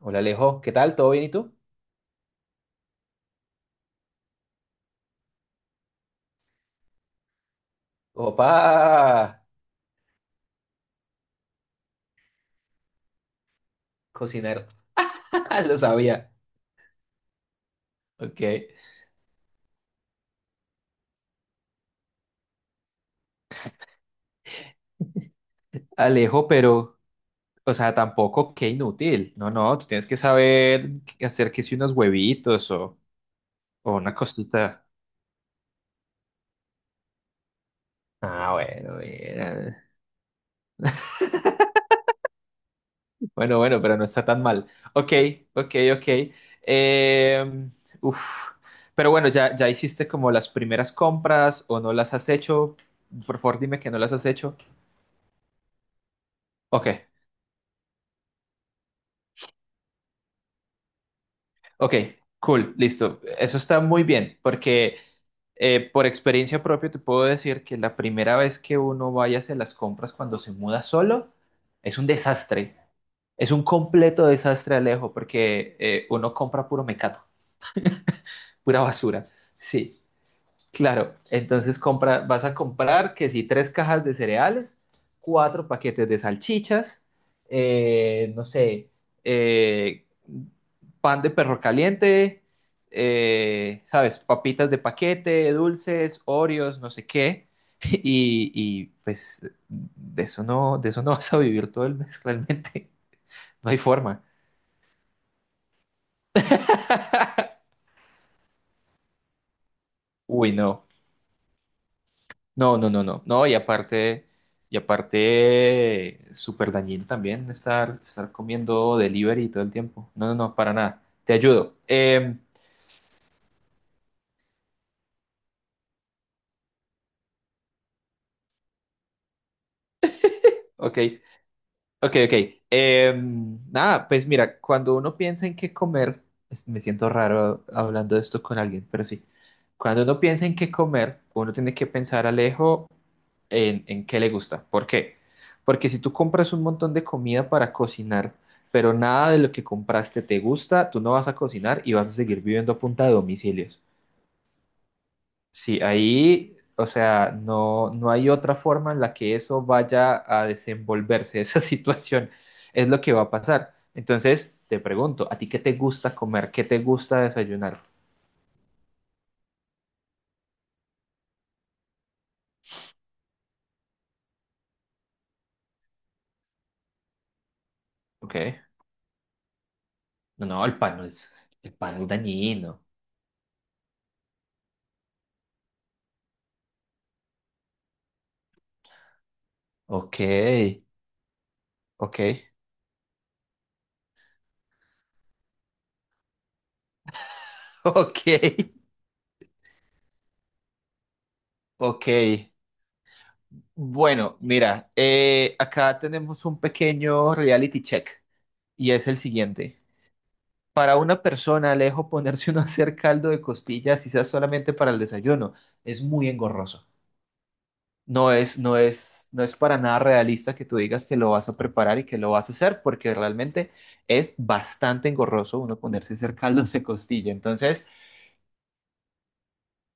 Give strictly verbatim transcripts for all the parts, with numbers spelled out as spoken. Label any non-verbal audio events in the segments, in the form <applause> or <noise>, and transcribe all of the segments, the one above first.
Hola Alejo, ¿qué tal? ¿Todo bien y tú? Opa, cocinar, <laughs> lo sabía. ¿Eh? Alejo, pero, o sea, tampoco, qué inútil. No, no, tú tienes que saber qué hacer que si unos huevitos o, o una cosita. Ah, bueno, mira. Bueno, bueno, pero no está tan mal. Ok, ok, ok. Eh, uf. Pero bueno, ya, ya hiciste como las primeras compras o no las has hecho. Por favor, dime que no las has hecho. Ok. Ok, cool, listo. Eso está muy bien, porque eh, por experiencia propia te puedo decir que la primera vez que uno vaya a hacer las compras cuando se muda solo es un desastre. Es un completo desastre, Alejo, porque eh, uno compra puro mecato, pura basura. Sí. Claro, entonces compra, vas a comprar que si tres cajas de cereales, cuatro paquetes de salchichas, eh, no sé, eh, pan de perro caliente, eh, sabes, papitas de paquete, dulces, Oreos, no sé qué, <laughs> y, y, pues de eso no, de eso no <laughs> vas a vivir todo el mes, <laughs> realmente, no hay forma. Uy, no. No, no, no, no. No, y aparte, y aparte, súper dañino también estar, estar comiendo delivery todo el tiempo. No, no, no, para nada. Te ayudo. Em, ok, ok, ok. Em, nada, pues mira, cuando uno piensa en qué comer, es- me siento raro hablando de esto con alguien, pero sí. Cuando uno piensa en qué comer, uno tiene que pensar, Alejo, en, en qué le gusta. ¿Por qué? Porque si tú compras un montón de comida para cocinar, pero nada de lo que compraste te gusta, tú no vas a cocinar y vas a seguir viviendo a punta de domicilios. Sí, ahí, o sea, no, no hay otra forma en la que eso vaya a desenvolverse, <laughs> esa situación es lo que va a pasar. Entonces, te pregunto, ¿a ti qué te gusta comer? ¿Qué te gusta desayunar? Ok. No, no, el pan no es, el pan es dañino. Ok, ok, <laughs> ok. Ok, bueno, mira, eh, acá tenemos un pequeño reality check y es el siguiente. Para una persona, Alejo, ponerse <laughs> uno a hacer caldo de costillas, quizás solamente para el desayuno, es muy engorroso. No es, no es, no es para nada realista que tú digas que lo vas a preparar y que lo vas a hacer, porque realmente es bastante engorroso uno ponerse a hacer <laughs> caldos de costilla. Entonces,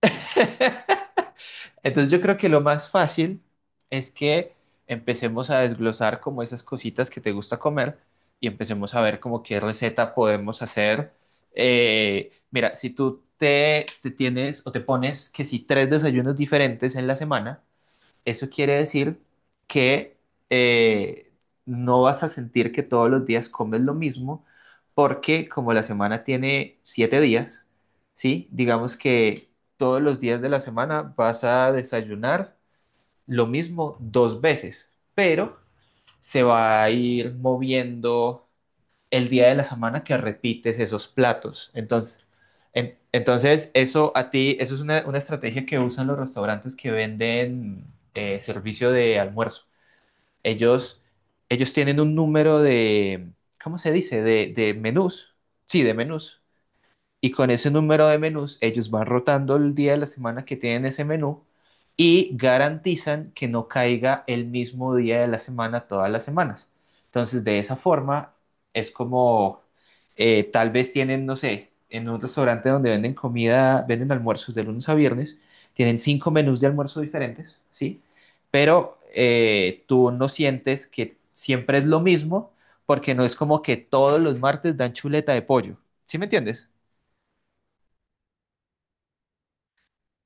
<laughs> entonces yo creo que lo más fácil es que empecemos a desglosar como esas cositas que te gusta comer y empecemos a ver como qué receta podemos hacer. Eh, mira, si tú te, te tienes o te pones que si tres desayunos diferentes en la semana, eso quiere decir que eh, no vas a sentir que todos los días comes lo mismo, porque como la semana tiene siete días, ¿sí? Digamos que todos los días de la semana vas a desayunar lo mismo dos veces, pero se va a ir moviendo el día de la semana que repites esos platos. Entonces, en- entonces eso a ti, eso es una, una estrategia que usan los restaurantes que venden eh, servicio de almuerzo. Ellos, ellos tienen un número de, ¿cómo se dice? De, de menús. Sí, de menús y con ese número de menús ellos van rotando el día de la semana que tienen ese menú y garantizan que no caiga el mismo día de la semana todas las semanas. Entonces, de esa forma, es como eh, tal vez tienen, no sé, en un restaurante donde venden comida, venden almuerzos de lunes a viernes, tienen cinco menús de almuerzo diferentes, ¿sí? Pero eh, tú no sientes que siempre es lo mismo porque no es como que todos los martes dan chuleta de pollo. ¿Sí me entiendes?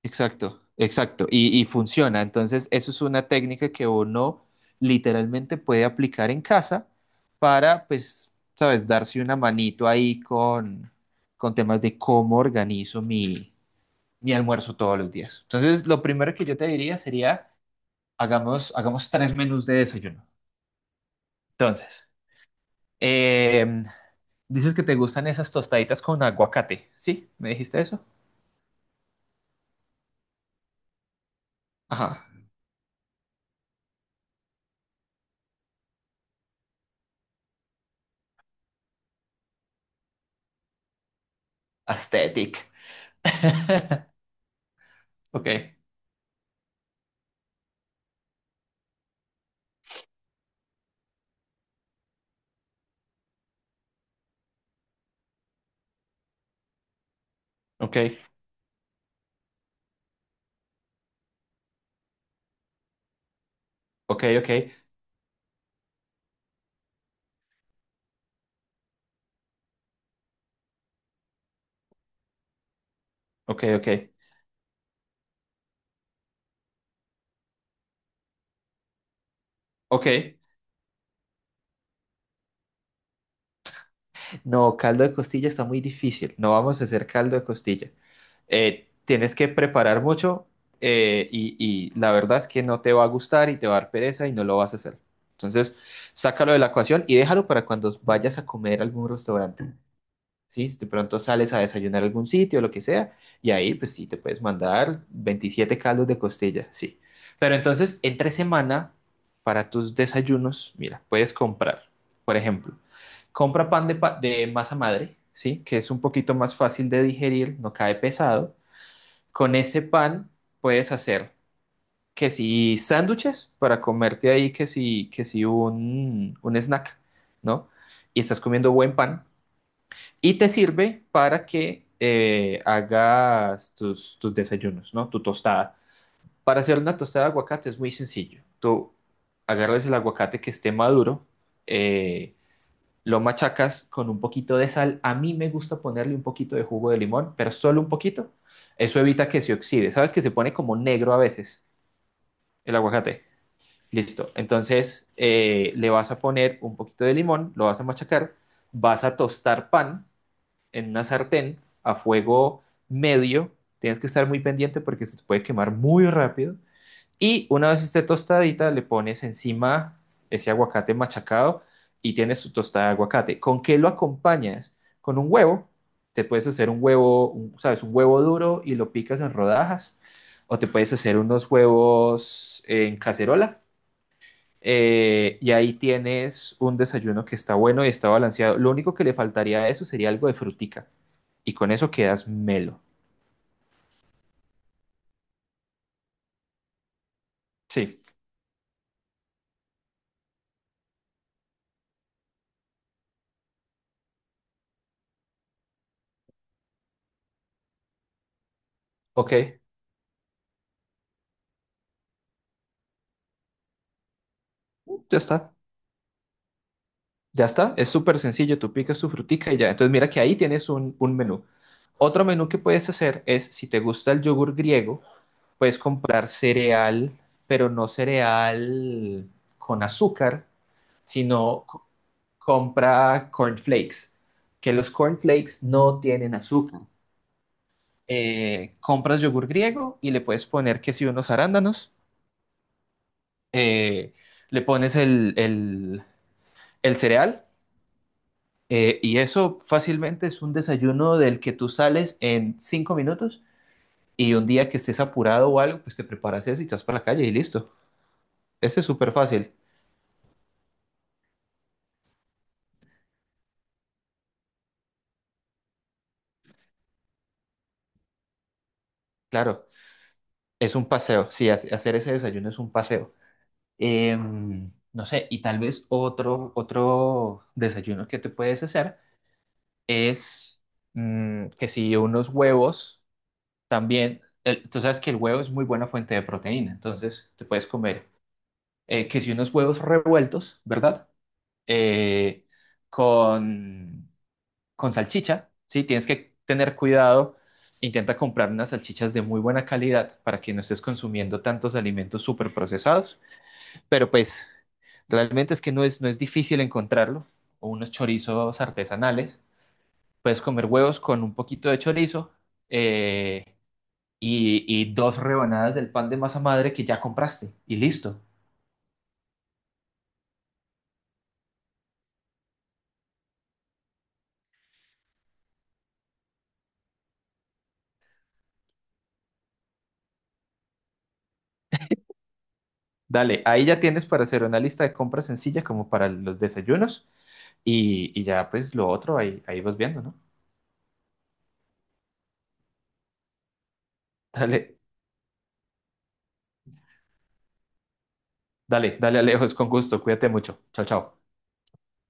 Exacto, exacto. Y, y funciona. Entonces, eso es una técnica que uno literalmente puede aplicar en casa para, pues, sabes, darse una manito ahí con, con temas de cómo organizo mi, mi almuerzo todos los días. Entonces, lo primero que yo te diría sería, hagamos, hagamos tres menús de desayuno. Entonces, em, dices que te gustan esas tostaditas con aguacate, ¿sí? ¿Me dijiste eso? Ajá. Aesthetic. <laughs> Ok, ok. Ok, ok, ok, ok, ok. No, caldo de costilla está muy difícil. No vamos a hacer caldo de costilla. Eh, tienes que preparar mucho eh, y, y la verdad es que no te va a gustar y te va a dar pereza y no lo vas a hacer. Entonces, sácalo de la ecuación y déjalo para cuando vayas a comer a algún restaurante. Sí, si de pronto sales a desayunar a algún sitio, lo que sea, y ahí pues sí te puedes mandar veintisiete caldos de costilla, sí. Pero entonces, entre semana, para tus desayunos, mira, puedes comprar, por ejemplo, compra pan de, pa- de masa madre, sí, que es un poquito más fácil de digerir, no cae pesado. Con ese pan puedes hacer que si sándwiches para comerte ahí, que si, que si un, un snack, ¿no? Y estás comiendo buen pan y te sirve para que eh, hagas tus, tus desayunos, ¿no? Tu tostada. Para hacer una tostada de aguacate es muy sencillo. Tú agarras el aguacate que esté maduro, eh, lo machacas con un poquito de sal. A mí me gusta ponerle un poquito de jugo de limón, pero solo un poquito. Eso evita que se oxide. ¿Sabes que se pone como negro a veces el aguacate? Listo. Entonces eh, le vas a poner un poquito de limón, lo vas a machacar, vas a tostar pan en una sartén a fuego medio. Tienes que estar muy pendiente porque se te puede quemar muy rápido. Y una vez esté tostadita, le pones encima ese aguacate machacado y tienes tu tostada de aguacate. ¿Con qué lo acompañas? Con un huevo. Te puedes hacer un huevo, un- sabes, un huevo duro y lo picas en rodajas. O te puedes hacer unos huevos en cacerola eh, y ahí tienes un desayuno que está bueno y está balanceado. Lo único que le faltaría a eso sería algo de frutica. Y con eso quedas melo. Sí, ok. Ya está. Ya está. Es súper sencillo. Tú picas tu frutica y ya. Entonces mira que ahí tienes un, un menú. Otro menú que puedes hacer es, si te gusta el yogur griego, puedes comprar cereal, pero no cereal con azúcar, sino co- compra cornflakes, que los cornflakes no tienen azúcar. eh, compras yogur griego y le puedes poner que si unos arándanos, eh, le pones el, el- el cereal eh, y eso fácilmente es un desayuno del que tú sales en cinco minutos y un día que estés apurado o algo, pues te preparas eso y te vas para la calle y listo. Ese es súper fácil, claro, es un paseo, sí, hace- hacer ese desayuno es un paseo. Em, no sé, y tal vez otro, otro desayuno que te puedes hacer es mm, que si unos huevos. También, el- tú sabes que el huevo es muy buena fuente de proteína, entonces te puedes comer eh, que si unos huevos revueltos, ¿verdad? Eh, con, con salchicha, ¿sí? Tienes que tener cuidado. Intenta comprar unas salchichas de muy buena calidad para que no estés consumiendo tantos alimentos súper procesados. Pero pues, realmente es que no es, no es difícil encontrarlo. O unos chorizos artesanales. Puedes comer huevos con un poquito de chorizo. eh, y, y dos rebanadas del pan de masa madre que ya compraste y listo. Dale, ahí ya tienes para hacer una lista de compras sencilla como para los desayunos y, y, ya pues lo otro ahí, ahí vas viendo, ¿no? Dale, dale, dale Alejos, con gusto, cuídate mucho. Chao, chao.